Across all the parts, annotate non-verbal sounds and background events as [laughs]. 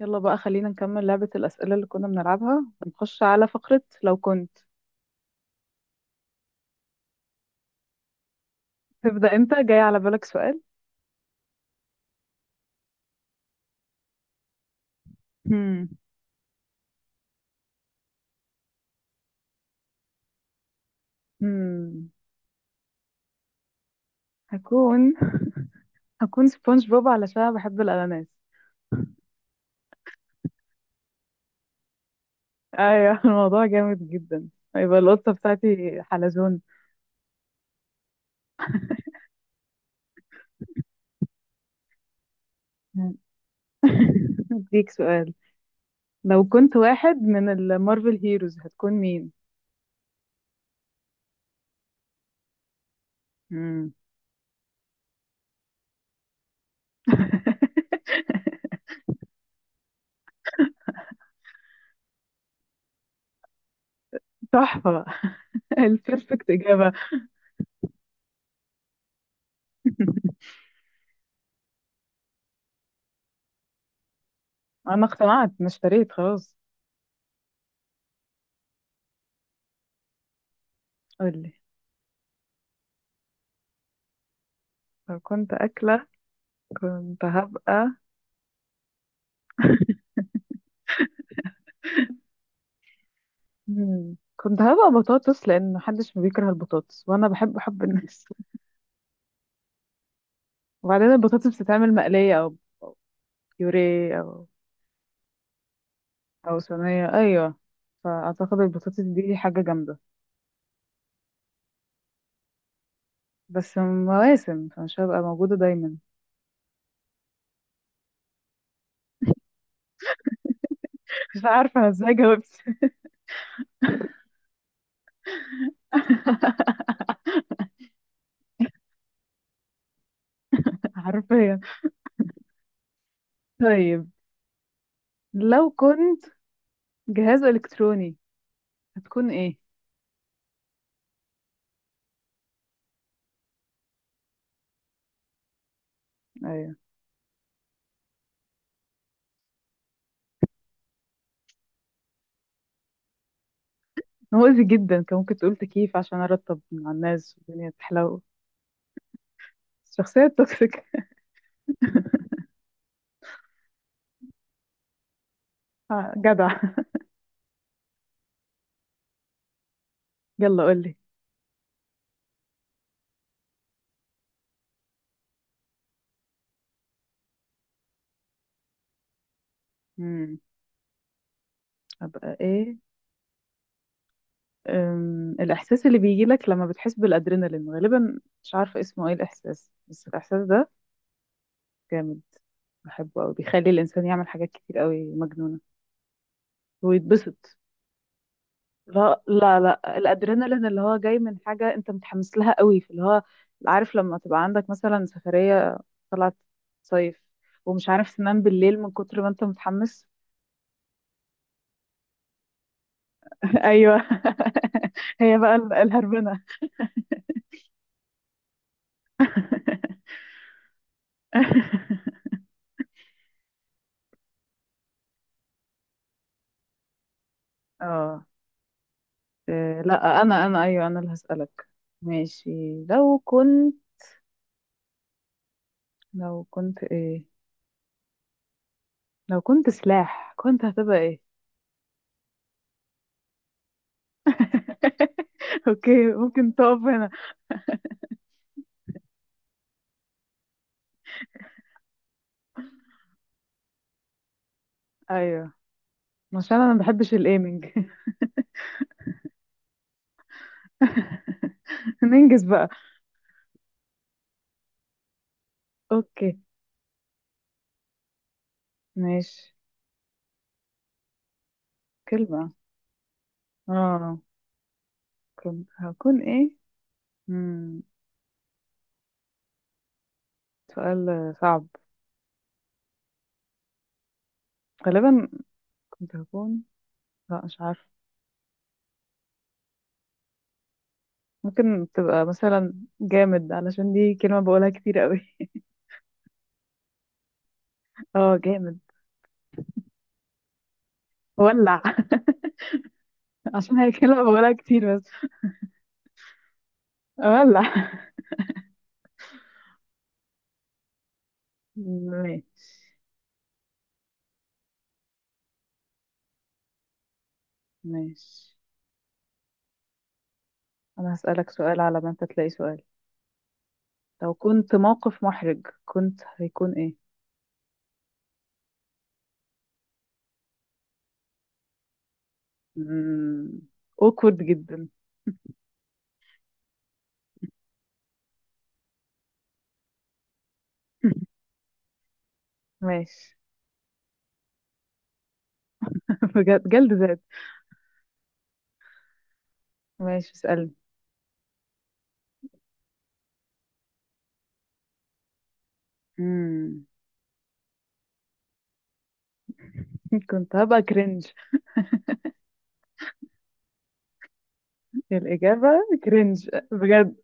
يلا بقى، خلينا نكمل لعبة الأسئلة اللي كنا بنلعبها. نخش على فقرة لو كنت. تبدأ أنت؟ جاي على بالك سؤال؟ هم. هم. هكون [laughs] هكون سبونج بوب علشان بحب الأناناس. أيوة [laughs] الموضوع جامد جدا. هيبقى القطة بتاعتي حلزون. هم. [laughs] أديك سؤال. لو كنت واحد من المارفل هيروز هتكون مين؟ هم. [laughs] تحفة. البيرفكت إجابة [laughs] أنا اقتنعت، أنا اشتريت خلاص. قولي. لو كنت أكلة كنت هبقى... مم. كنت هبقى بطاطس، لان محدش بيكره البطاطس وانا بحب حب الناس [laughs] وبعدين البطاطس بتتعمل مقليه او أو بيوريه او صينيه، ايوه. فاعتقد البطاطس دي حاجه جامده. بس مواسم، فمش هبقى موجوده دايما. [laughs] مش عارفه أنا ازاي جاوبت. [laughs] حرفيا. طيب لو كنت جهاز الكتروني هتكون ايه؟ ايوه. مؤذي جدا، كان ممكن تقول تكييف عشان ارطب مع الناس والدنيا تحلو. الشخصيه التوكسيك. [laughs] آه، جدع. يلا قولي. امم ابقى ايه؟ الاحساس اللي بيجي لك لما بتحس بالادرينالين، غالبا مش عارفه اسمه ايه الاحساس، بس الاحساس ده جامد. بحبه قوي، بيخلي الانسان يعمل حاجات كتير قوي مجنونه ويتبسط. لا لا لا، الادرينالين اللي هو جاي من حاجه انت متحمس لها قوي، في اللي هو عارف لما تبقى عندك مثلا سفريه، طلعت صيف، ومش عارف تنام بالليل من كتر ما انت متحمس. [laughs] ايوه. هي بقى الهربنه. [laughs] اه. آه، لا انا ايوه، انا اللي هسألك. ماشي. لو كنت... لو كنت ايه... لو كنت سلاح كنت هتبقى ايه؟ [laughs] اوكي، ممكن تقف هنا. ايوه. عشان انا ما بحبش الايمنج. [laughs] ننجز بقى. اوكي. ماشي. كلمة. اه. كنت هكون ايه؟ مم. سؤال صعب. غالبا كنت هكون... لا مش عارفة. ممكن تبقى مثلا جامد، علشان دي كلمة بقولها كتير قوي [laughs] اه، جامد. ولع [laughs] عشان هي كلمة بقولها كتير بس. ولع. ماشي. ماشي، أنا هسألك سؤال على ما أنت تلاقي سؤال. لو كنت موقف محرج كنت هيكون إيه؟ مم. awkward جدا. [laughs] ماشي. [laughs] بجد جلد ذات. ماشي، اسألني. مم. [laughs] كنت هبقى كرنج الإجابة. كرنج بجد.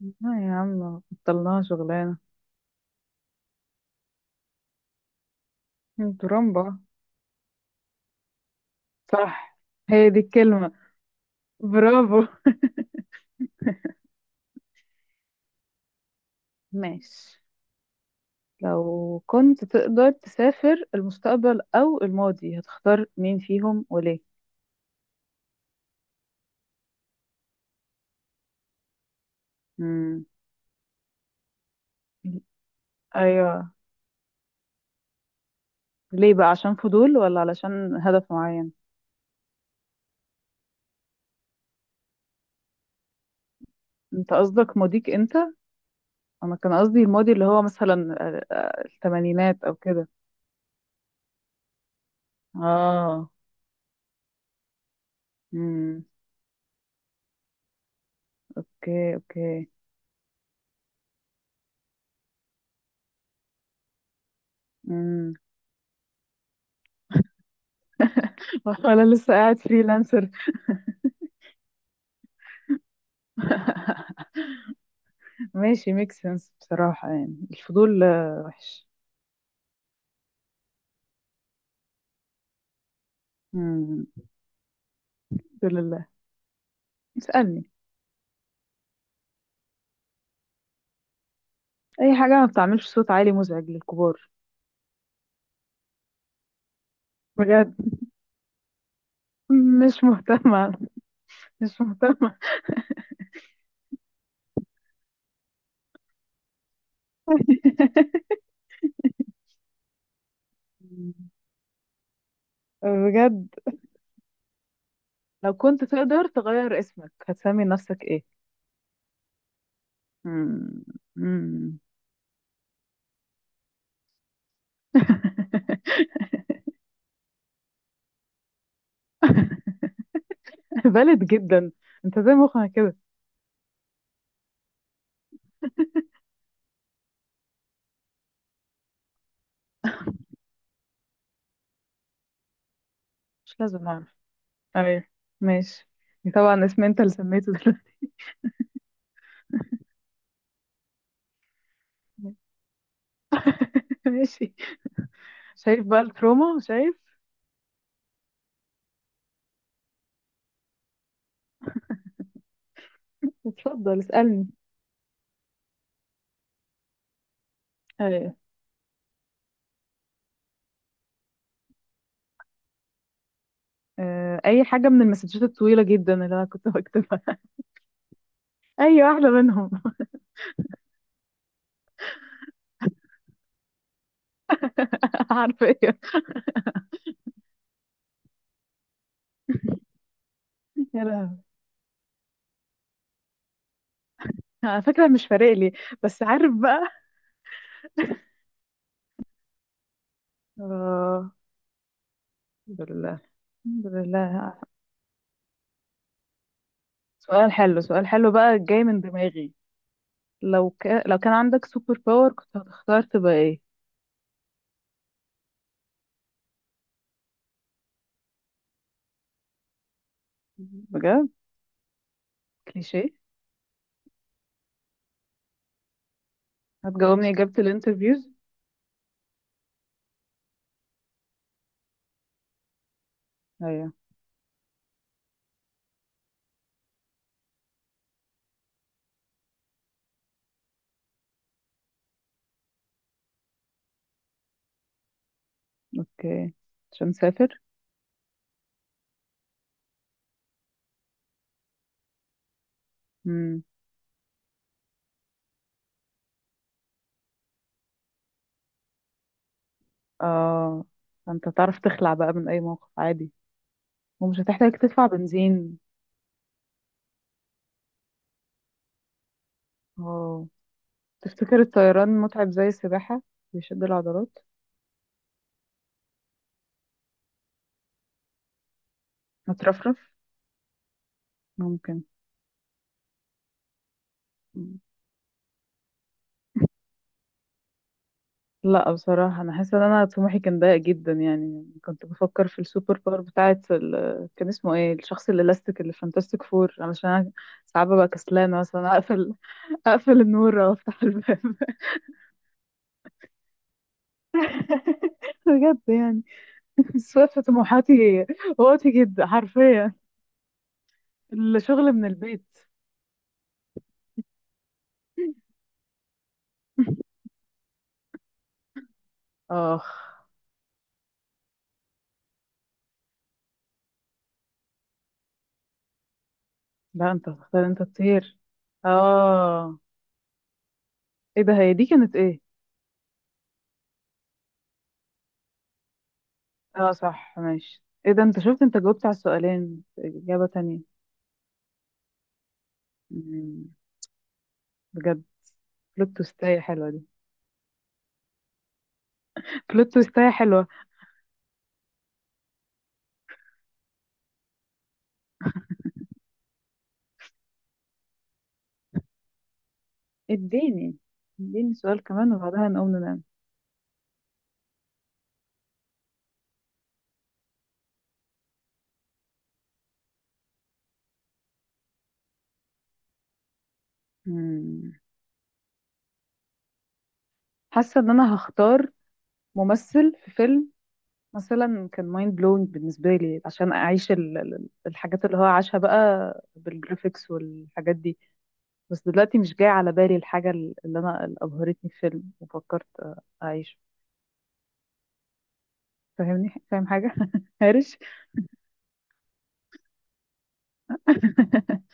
لا يا عم، بطلناها شغلانة. ترمبة. صح. هي دي الكلمة. برافو. ماشي. لو كنت تقدر تسافر المستقبل أو الماضي هتختار مين فيهم وليه؟ مم. أيوة. ليه بقى، عشان فضول ولا علشان هدف معين؟ انت قصدك ماضيك انت؟ انا كان قصدي الماضي اللي هو مثلا الثمانينات او كده. اه. امم. اوكي اوكي. امم. [laughs] ولا لسه قاعد فريلانسر. [laughs] ماشي، ميك سنس بصراحة. يعني الفضول وحش. امم. الحمد لله. اسألني. اي حاجه ما بتعملش صوت عالي مزعج للكبار. بجد. مش مهتمه، مش مهتمه. [laughs] بجد. لو كنت تقدر تغير اسمك هتسمي نفسك ايه؟ مم. مم. [laughs] بلد جدا. انت زي مخها كده. مش لازم اعرف. ايوه. ماشي. طبعا اسم انت اللي سميته دلوقتي. [laughs] ماشي. شايف بقى التروما، شايف. اتفضل اسألني. ايوه. اي حاجه من المسجات الطويله جدا اللي انا كنت بكتبها. اي واحده منهم. [laughs] عارفه ايه. يا لهوي. أنا فاكره، مش فارق لي. بس عارف بقى. اه. الحمد لله. الحمد لله. سؤال حلو، سؤال حلو بقى جاي من دماغي. لو كان عندك سوبر باور كنت هتختار تبقى ايه؟ بجد. كليشيه. هتجاوبني إجابة الانترفيوز. ايوه. اوكي. عشان مسافر. امم. اه. فانت تعرف تخلع بقى من اي موقف عادي. ومش هتحتاج تدفع بنزين. اه. تفتكر الطيران متعب زي السباحة؟ بيشد العضلات. هترفرف. ممكن. مم. لا بصراحة أنا حاسة إن أنا طموحي كان ضيق جدا. يعني كنت بفكر في السوبر باور بتاعة ال... كان اسمه إيه الشخص الإلاستيك اللي في فانتاستيك فور، علشان أنا ساعات ببقى كسلانة مثلا أقفل [laughs] أقفل النور أو أفتح الباب [laughs] بجد يعني. بس واقفة طموحاتي واطي جدا حرفيا. الشغل من البيت. [laughs] آخ. لا، أنت هتختار أنت تطير. آه. ايه ده، هي دي كانت ايه؟ اه صح ماشي. ايه ده، انت شفت انت جاوبت على السؤالين اجابة تانية. مم، بجد. بلوت تويستاية حلوة دي. [laughs] بلوت تويستاية حلوة. اديني. اديني سؤال كمان وبعدها نقوم ننام. مم. حاسة ان انا هختار ممثل في فيلم مثلا، كان مايند بلوينج بالنسبة لي عشان اعيش الحاجات اللي هو عاشها بقى بالجرافيكس والحاجات دي. بس دلوقتي مش جاي على بالي الحاجة اللي انا اللي ابهرتني في فيلم وفكرت اعيشه. فاهمني؟ فاهم حاجة [laughs] هارش. [laughs]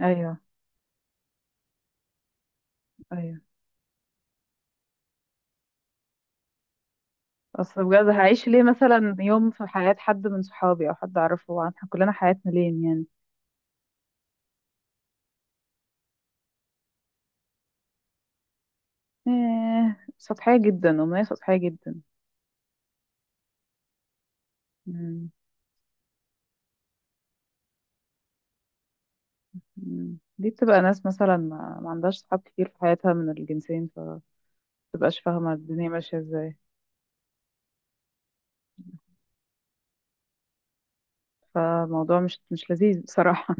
ايوه ايوه. اصل بجد، هعيش ليه مثلا يوم في حياة حد من صحابي او حد اعرفه؟ هو احنا كلنا حياتنا لين يعني. إيه، سطحية جدا، أمنية سطحية جدا. مم. مم. دي بتبقى ناس مثلا ما عندهاش صحاب كتير في حياتها من الجنسين، فمتبقاش فاهمة الدنيا ماشية ازاي. فالموضوع مش لذيذ بصراحة.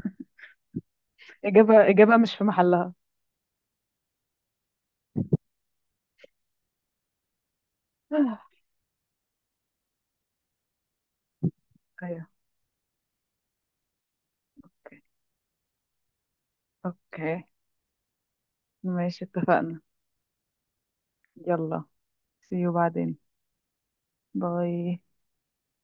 [laughs] إجابة مش في محلها. [sighs] ايوه. اوكي اوكي. ماشي، اتفقنا. يلا. see you بعدين. باي.